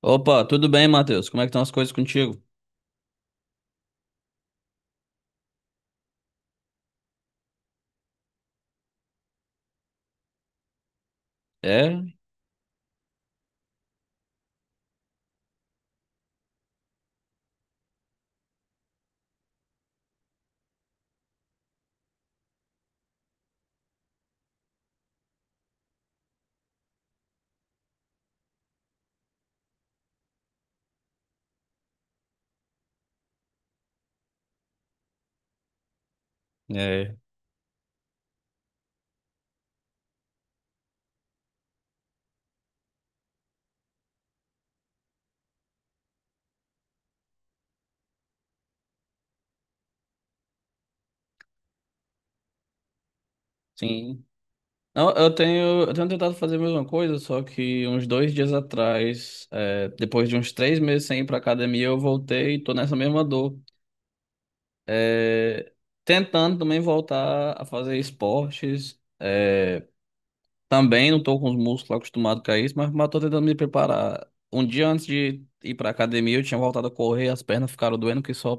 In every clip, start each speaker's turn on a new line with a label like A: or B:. A: Opa, tudo bem, Matheus? Como é que estão as coisas contigo? É, É, sim. Não, eu tenho tentado fazer a mesma coisa, só que uns dois dias atrás, depois de uns três meses sem ir pra academia, eu voltei e tô nessa mesma dor. É, tentando também voltar a fazer esportes. É, Também não tô com os músculos acostumados com isso, mas, tô tentando me preparar. Um dia antes de ir pra academia, eu tinha voltado a correr, as pernas ficaram doendo que só.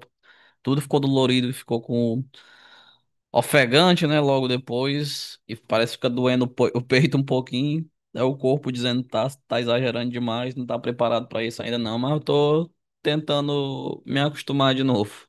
A: Tudo ficou dolorido, ficou com ofegante, né? Logo depois. E parece que fica doendo o peito um pouquinho. É o corpo dizendo que tá, exagerando demais, não tá preparado pra isso ainda não. Mas eu tô tentando me acostumar de novo.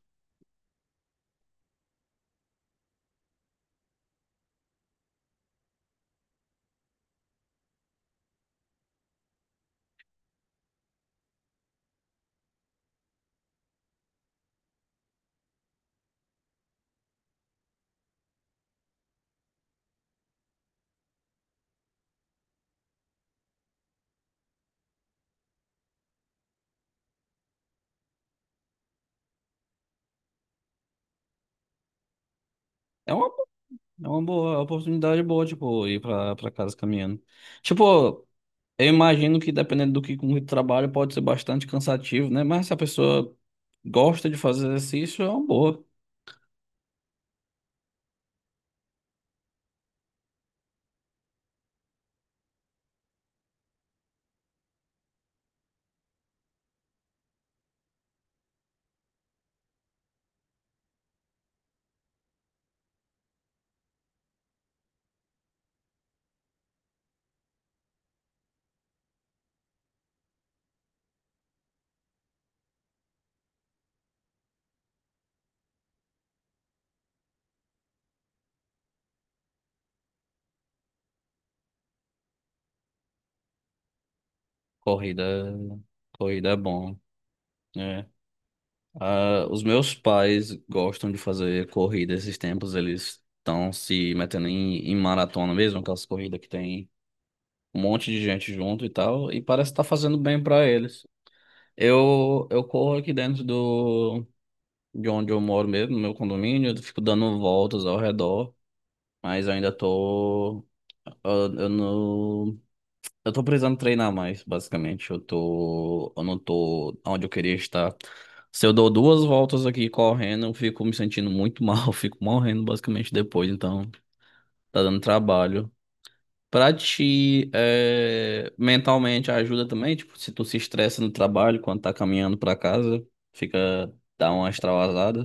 A: É uma, bo- é uma boa, é uma oportunidade boa, tipo, ir pra casa caminhando. Tipo, eu imagino que dependendo do que com que tu trabalha, pode ser bastante cansativo, né? Mas se a pessoa gosta de fazer exercício, é uma boa. Corrida, corrida é bom. É. Ah, os meus pais gostam de fazer corrida esses tempos, eles estão se metendo em maratona mesmo, aquelas corridas que tem um monte de gente junto e tal, e parece estar fazendo bem para eles. Eu corro aqui dentro de onde eu moro mesmo, no meu condomínio, eu fico dando voltas ao redor, mas ainda tô. Eu, eu não. Eu tô precisando treinar mais, basicamente. Eu não tô onde eu queria estar. Se eu dou duas voltas aqui correndo, eu fico me sentindo muito mal, eu fico morrendo basicamente depois, então tá dando trabalho. Pra ti, é, mentalmente ajuda também, tipo, se tu se estressa no trabalho, quando tá caminhando pra casa, fica, dá uma extravasada.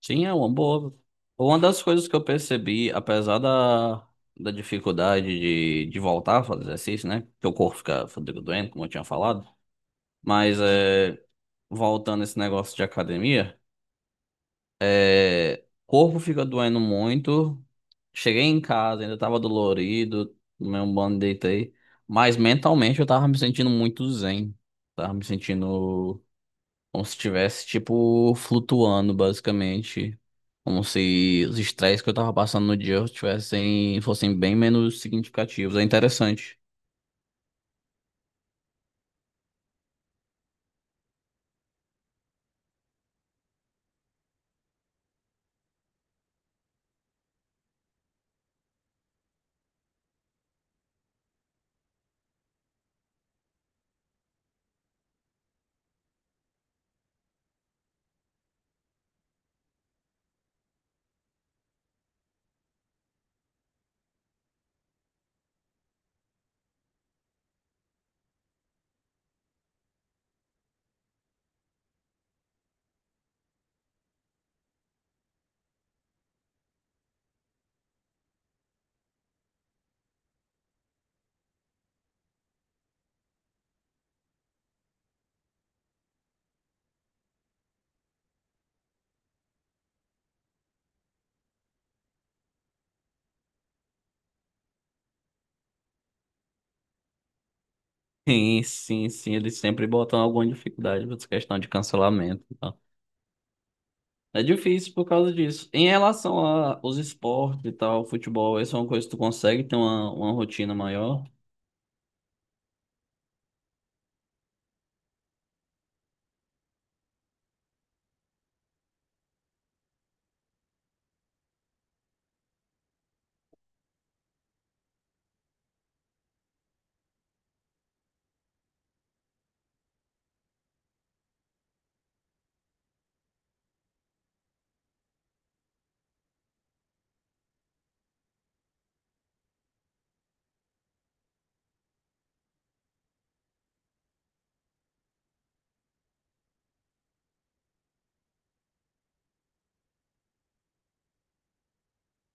A: Sim, é uma boa. Uma das coisas que eu percebi, apesar da dificuldade de voltar a fazer exercício, né? Porque o corpo fica doendo, como eu tinha falado. Mas é, voltando esse negócio de academia, o corpo fica doendo muito. Cheguei em casa, ainda tava dolorido, tomei um banho, deitei. Mas mentalmente eu tava me sentindo muito zen. Tava me sentindo. Como se estivesse, tipo, flutuando, basicamente. Como se os estresses que eu tava passando no dia tivessem, fossem bem menos significativos. É interessante. Sim, sim, sim. Eles sempre botam alguma dificuldade pra essa questão de cancelamento e tal. É difícil por causa disso. Em relação aos esportes e tal, futebol, essa é uma coisa que tu consegue ter uma, rotina maior.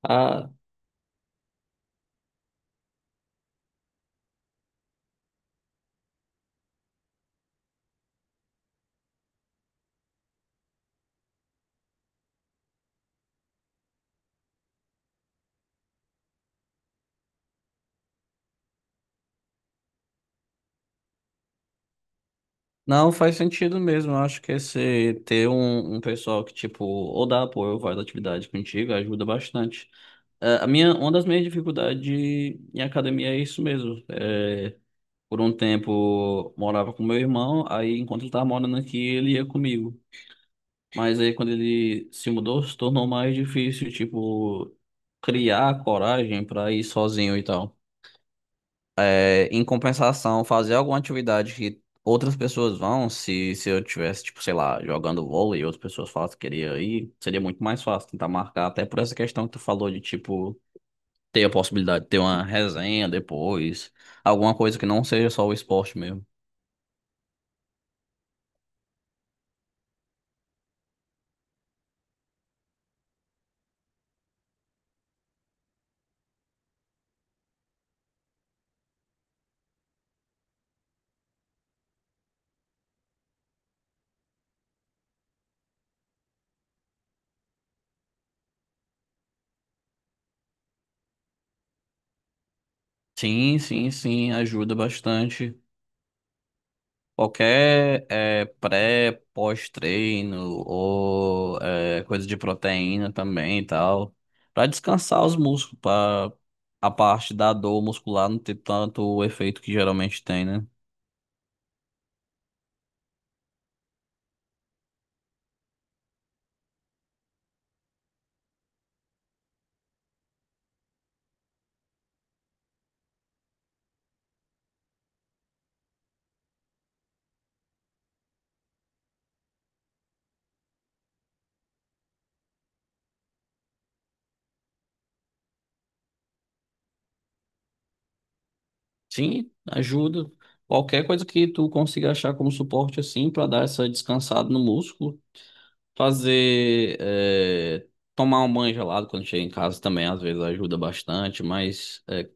A: Ah, não, faz sentido mesmo. Eu acho que esse ter um, um pessoal que, tipo, ou dá apoio ou faz atividade contigo ajuda bastante. Ah, a minha, uma das minhas dificuldades em academia é isso mesmo. É, por um tempo morava com meu irmão, aí enquanto ele tava morando aqui, ele ia comigo. Mas aí quando ele se mudou, se tornou mais difícil, tipo, criar coragem para ir sozinho e tal. É, em compensação, fazer alguma atividade que outras pessoas vão, se eu tivesse, tipo, sei lá, jogando vôlei e outras pessoas falam que queria ir, seria muito mais fácil tentar marcar, até por essa questão que tu falou de, tipo, ter a possibilidade de ter uma resenha depois, alguma coisa que não seja só o esporte mesmo. Sim, sim, sim, ajuda bastante. Qualquer pré, pós-treino ou coisa de proteína também e tal, para descansar os músculos, para a parte da dor muscular não ter tanto o efeito que geralmente tem, né? Sim, ajuda. Qualquer coisa que tu consiga achar como suporte assim para dar essa descansada no músculo. Fazer, é, tomar um banho gelado quando chega em casa também às vezes ajuda bastante, mas é,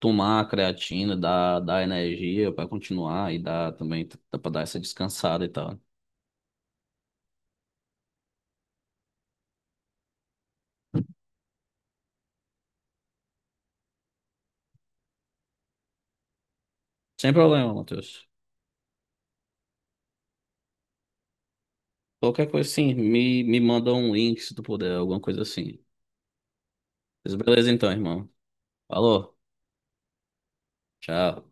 A: tomar a creatina dá energia para continuar e dá também dá para dar essa descansada e tal. Sem problema, Matheus. Qualquer coisa assim, me manda um link se tu puder, alguma coisa assim. Mas beleza então, irmão. Falou, tchau.